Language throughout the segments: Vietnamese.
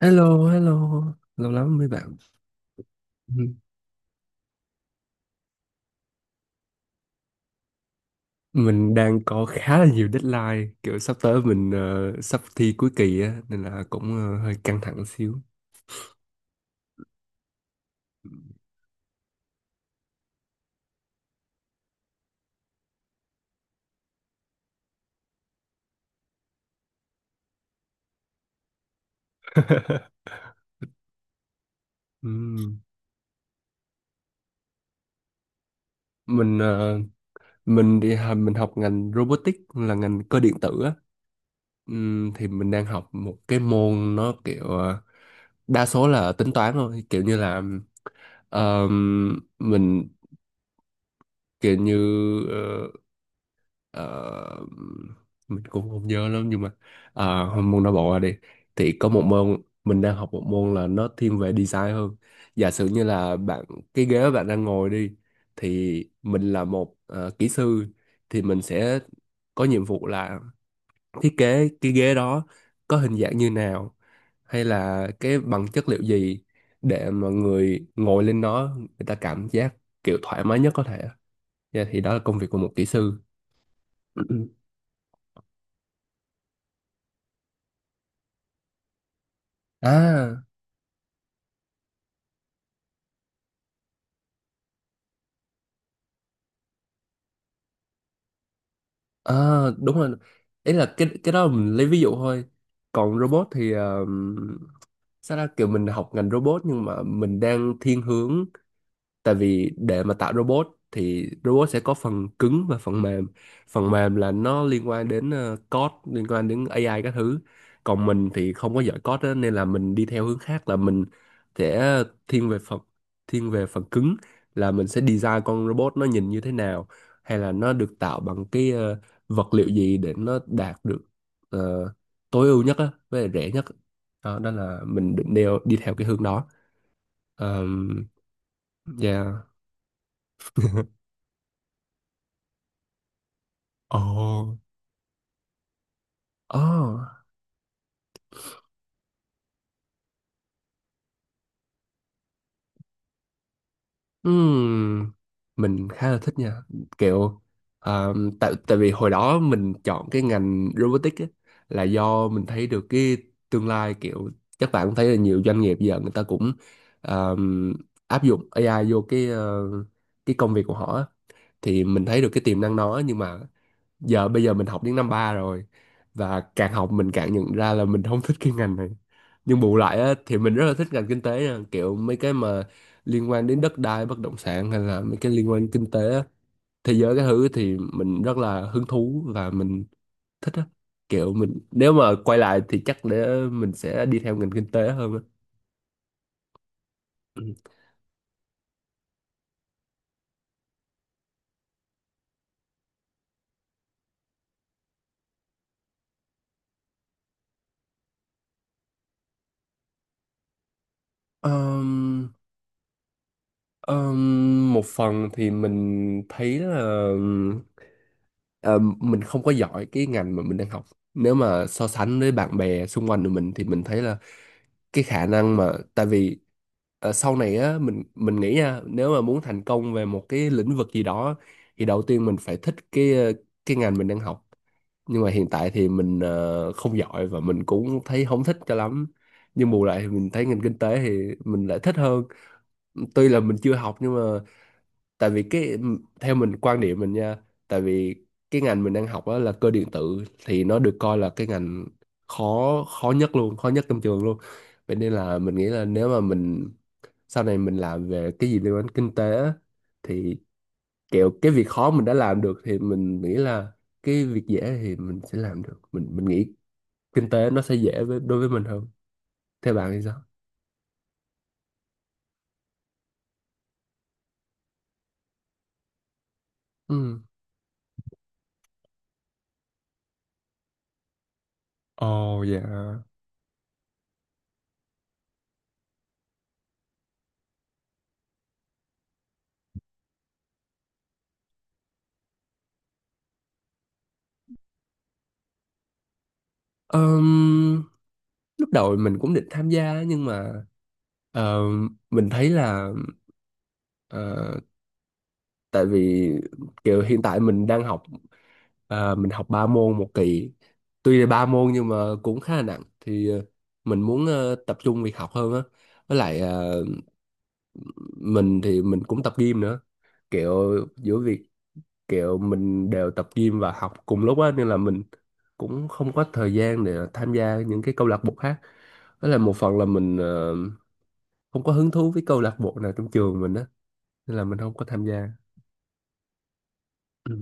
Hello, hello. Lâu lắm mới bạn. Ừ. Mình đang có khá là nhiều deadline, kiểu sắp tới mình sắp thi cuối kỳ á nên là cũng hơi căng thẳng xíu. Ừm. Mình ờ, mình đi học- mình học ngành robotics là ngành cơ điện tử á. Thì mình đang học một cái môn nó kiểu đa số là tính toán thôi, kiểu như là mình kiểu như ờ, Ờ, mình cũng không nhớ lắm, nhưng mà môn não bộ ra đi thì có một môn mình đang học, một môn là nó thiên về design hơn. Giả sử như là bạn, cái ghế bạn đang ngồi đi, thì mình là một kỹ sư, thì mình sẽ có nhiệm vụ là thiết kế cái ghế đó, có hình dạng như nào hay là cái bằng chất liệu gì, để mà người ngồi lên nó người ta cảm giác kiểu thoải mái nhất có thể. Dạ, thì đó là công việc của một kỹ sư. à À, đúng rồi. Ý là cái đó mình lấy ví dụ thôi. Còn robot thì sao ra kiểu mình học ngành robot nhưng mà mình đang thiên hướng, tại vì để mà tạo robot thì robot sẽ có phần cứng và phần mềm. Phần mềm là nó liên quan đến code, liên quan đến AI các thứ. Còn mình thì không có giỏi code á, nên là mình đi theo hướng khác, là mình sẽ thiên về phần thiên về phần cứng, là mình sẽ design con robot nó nhìn như thế nào, hay là nó được tạo bằng cái vật liệu gì để nó đạt được ờ, tối ưu nhất á, với lại rẻ nhất. Đó, đó là mình định đeo đi theo cái hướng đó. Um, yeah Ồ. Oh. Ừm, mình khá là thích nha, kiểu à, tại tại vì hồi đó mình chọn cái ngành robotics á, là do mình thấy được cái tương lai, kiểu các bạn cũng thấy là nhiều doanh nghiệp giờ người ta cũng à, áp dụng AI vô cái công việc của họ á. Thì mình thấy được cái tiềm năng đó, nhưng mà bây giờ mình học đến năm ba rồi và càng học mình càng nhận ra là mình không thích cái ngành này. Nhưng bù lại á, thì mình rất là thích ngành kinh tế nha. Kiểu mấy cái mà liên quan đến đất đai bất động sản, hay là mấy cái liên quan đến kinh tế á, thế giới cái thứ, thì mình rất là hứng thú và mình thích á. Kiểu mình nếu mà quay lại thì chắc để mình sẽ đi theo ngành kinh tế hơn á. Ừ. Ờm, một phần thì mình thấy là Ờ, mình không có giỏi cái ngành mà mình đang học. Nếu mà so sánh với bạn bè xung quanh của mình thì mình thấy là cái khả năng mà, tại vì sau này á mình nghĩ nha, nếu mà muốn thành công về một cái lĩnh vực gì đó thì đầu tiên mình phải thích cái ngành mình đang học. Nhưng mà hiện tại thì mình không giỏi, và mình cũng thấy không thích cho lắm, nhưng bù lại thì mình thấy ngành kinh tế thì mình lại thích hơn, tuy là mình chưa học. Nhưng mà tại vì cái, theo mình quan điểm mình nha, tại vì cái ngành mình đang học đó là cơ điện tử thì nó được coi là cái ngành khó khó nhất luôn, khó nhất trong trường luôn. Vậy nên là mình nghĩ là nếu mà mình sau này mình làm về cái gì liên quan đến kinh tế á, thì kiểu cái việc khó mình đã làm được thì mình nghĩ là cái việc dễ thì mình sẽ làm được, mình nghĩ kinh tế nó sẽ dễ đối với mình hơn. Theo bạn thì sao? Ừ. Ồ, dạ. Ờm, lúc đầu mình cũng định tham gia, nhưng mà ờ, mình thấy là ờ, tại vì kiểu hiện tại mình đang học, mình học ba môn một kỳ. Tuy là ba môn nhưng mà cũng khá là nặng, thì mình muốn tập trung việc học hơn á. Với lại mình thì mình cũng tập gym nữa, kiểu giữa việc, kiểu mình đều tập gym và học cùng lúc á nên là mình cũng không có thời gian để tham gia những cái câu lạc bộ khác. Đó là một phần là mình không có hứng thú với câu lạc bộ nào trong trường mình á, nên là mình không có tham gia. Ừ,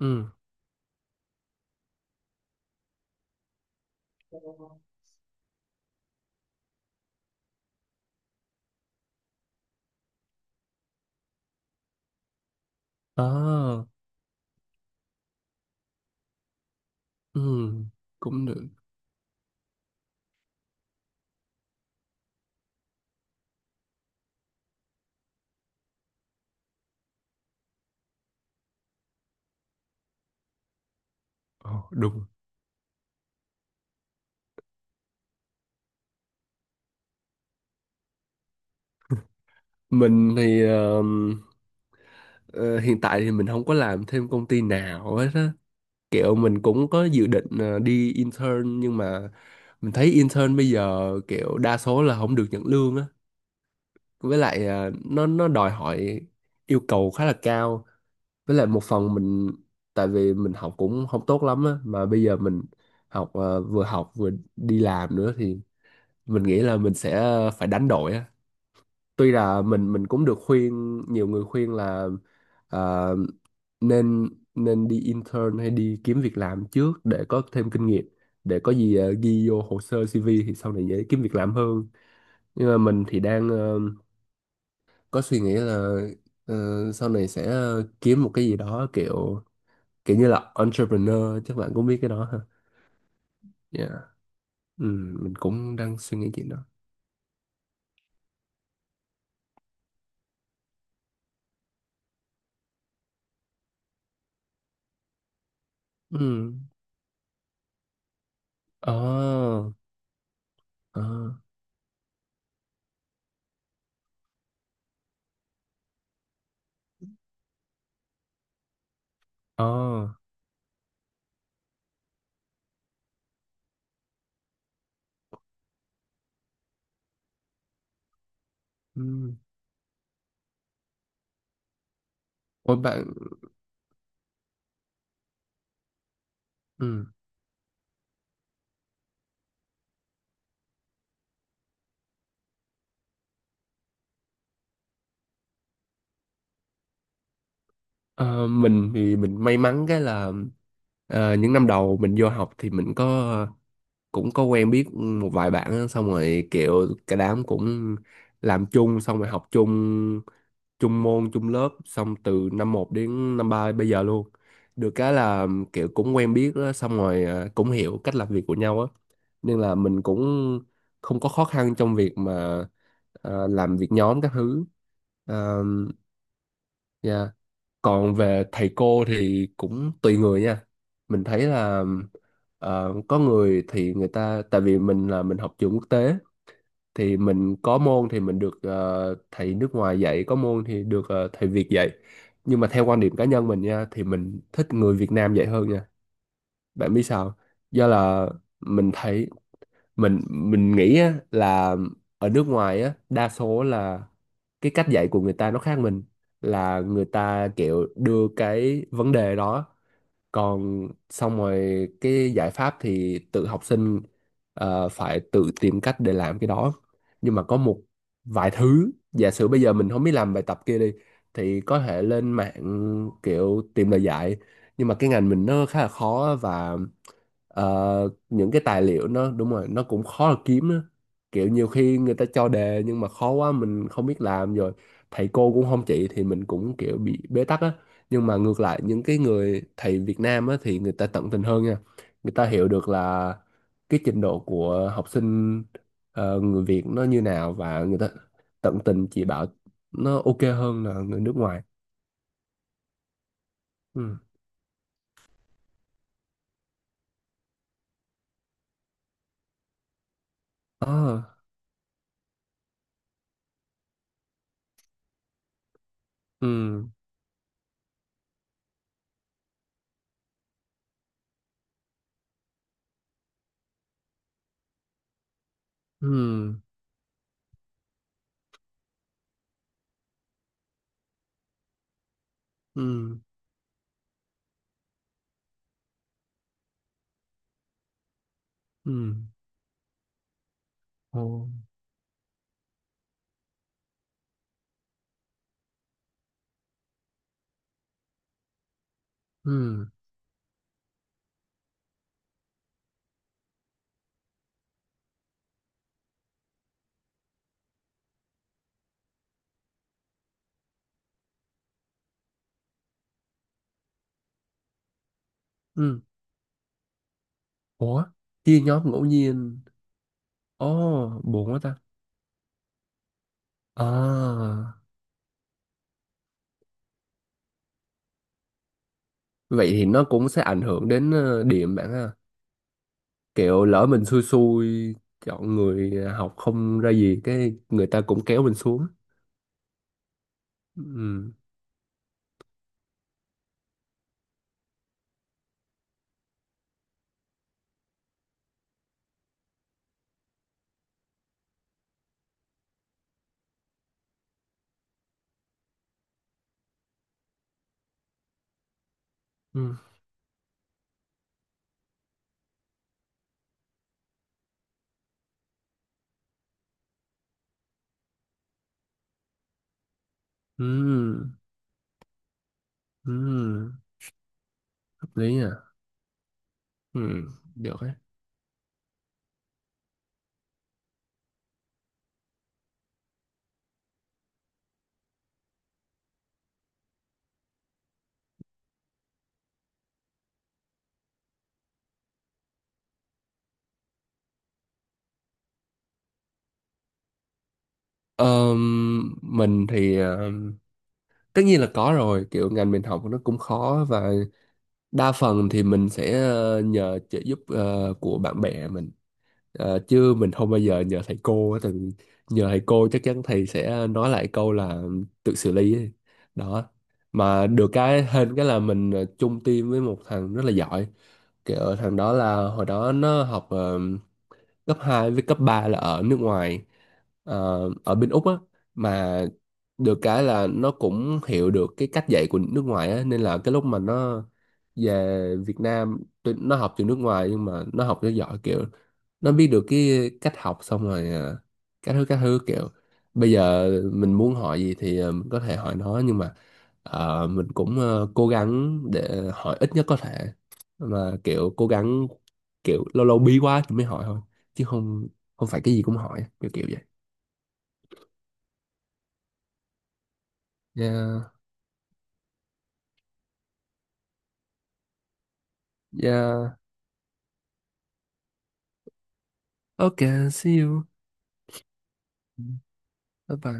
ừ, à, ừ, cũng được. Ồ, đúng. Mình thì ờ, hiện tại thì mình không có làm thêm công ty nào hết á. Kiểu mình cũng có dự định đi intern, nhưng mà mình thấy intern bây giờ kiểu đa số là không được nhận lương á, với lại nó đòi hỏi yêu cầu khá là cao. Với lại một phần mình, tại vì mình học cũng không tốt lắm á, mà bây giờ học à, vừa học vừa đi làm nữa, thì mình nghĩ là mình sẽ phải đánh đổi á. Tuy là mình cũng được khuyên, nhiều người khuyên là à, nên nên đi intern hay đi kiếm việc làm trước để có thêm kinh nghiệm, để có gì ghi vô hồ sơ CV thì sau này dễ kiếm việc làm hơn. Nhưng mà mình thì đang có suy nghĩ là ờ, sau này sẽ kiếm một cái gì đó, kiểu kiểu như là entrepreneur, chắc bạn cũng biết cái đó ha. Yeah. Ừ, mình cũng đang suy nghĩ chuyện đó. Ừ. Ờ. Ờ. Ờ. Ừ. Ôi bạn. Ừ. Ờ, mình thì mình may mắn cái là những năm đầu mình vô học thì mình cũng có quen biết một vài bạn á, xong rồi kiểu cả đám cũng làm chung, xong rồi học chung, chung môn chung lớp, xong từ năm một đến năm 3 bây giờ luôn. Được cái là kiểu cũng quen biết á, xong rồi cũng hiểu cách làm việc của nhau á, nên là mình cũng không có khó khăn trong việc mà làm việc nhóm các thứ. Ờ, dạ. Còn về thầy cô thì cũng tùy người nha, mình thấy là có người thì người ta, tại vì mình học trường quốc tế, thì mình có môn thì mình được thầy nước ngoài dạy, có môn thì được thầy Việt dạy. Nhưng mà theo quan điểm cá nhân mình nha, thì mình thích người Việt Nam dạy hơn nha. Bạn biết sao? Do là mình thấy, mình nghĩ á, là ở nước ngoài á, đa số là cái cách dạy của người ta nó khác mình. Là người ta kiểu đưa cái vấn đề đó, còn xong rồi cái giải pháp thì tự học sinh phải tự tìm cách để làm cái đó. Nhưng mà có một vài thứ, giả sử bây giờ mình không biết làm bài tập kia đi, thì có thể lên mạng kiểu tìm lời giải. Nhưng mà cái ngành mình nó khá là khó, và những cái tài liệu nó, đúng rồi, nó cũng khó là kiếm á. Kiểu nhiều khi người ta cho đề nhưng mà khó quá mình không biết làm, rồi thầy cô cũng không chỉ thì mình cũng kiểu bị bế tắc á. Nhưng mà ngược lại, những cái người thầy Việt Nam á, thì người ta tận tình hơn nha. Người ta hiểu được là cái trình độ của học sinh người Việt nó như nào, và người ta tận tình chỉ bảo, nó ok hơn là người nước ngoài. Ừ. Ờ. Ừ. Ừ. Ừ. Ừ. Ồ. Ừ. Ừ. Ủa, chia nhóm ngẫu nhiên? Ồ, buồn quá ta. À, vậy thì nó cũng sẽ ảnh hưởng đến điểm bạn ha. Kiểu lỡ mình xui xui chọn người học không ra gì cái người ta cũng kéo mình xuống. Ừ. Ừ. Ừ. Ừ. Hợp lý. À. Ừ. Được đấy. Mình thì tất nhiên là có rồi, kiểu ngành mình học nó cũng khó, và đa phần thì mình sẽ nhờ trợ giúp của bạn bè mình. Chứ mình không bao giờ nhờ thầy cô á, tại vì nhờ thầy cô chắc chắn thầy sẽ nói lại câu là tự xử lý ấy. Đó. Mà được cái hên cái là mình chung team với một thằng rất là giỏi. Kiểu thằng đó là hồi đó nó học cấp 2 với cấp 3 là ở nước ngoài, ở bên Úc á mà. Được cái là nó cũng hiểu được cái cách dạy của nước ngoài á, nên là cái lúc mà nó về Việt Nam, tuy nó học từ nước ngoài nhưng mà nó học cho giỏi, kiểu nó biết được cái cách học, xong rồi các thứ các thứ. Kiểu bây giờ mình muốn hỏi gì thì mình có thể hỏi nó. Nhưng mà mình cũng cố gắng để hỏi ít nhất có thể, mà kiểu cố gắng, kiểu lâu lâu bí quá thì mới hỏi thôi, chứ không không phải cái gì cũng hỏi kiểu kiểu vậy. Yeah. Yeah. Okay, see you. Bye bye.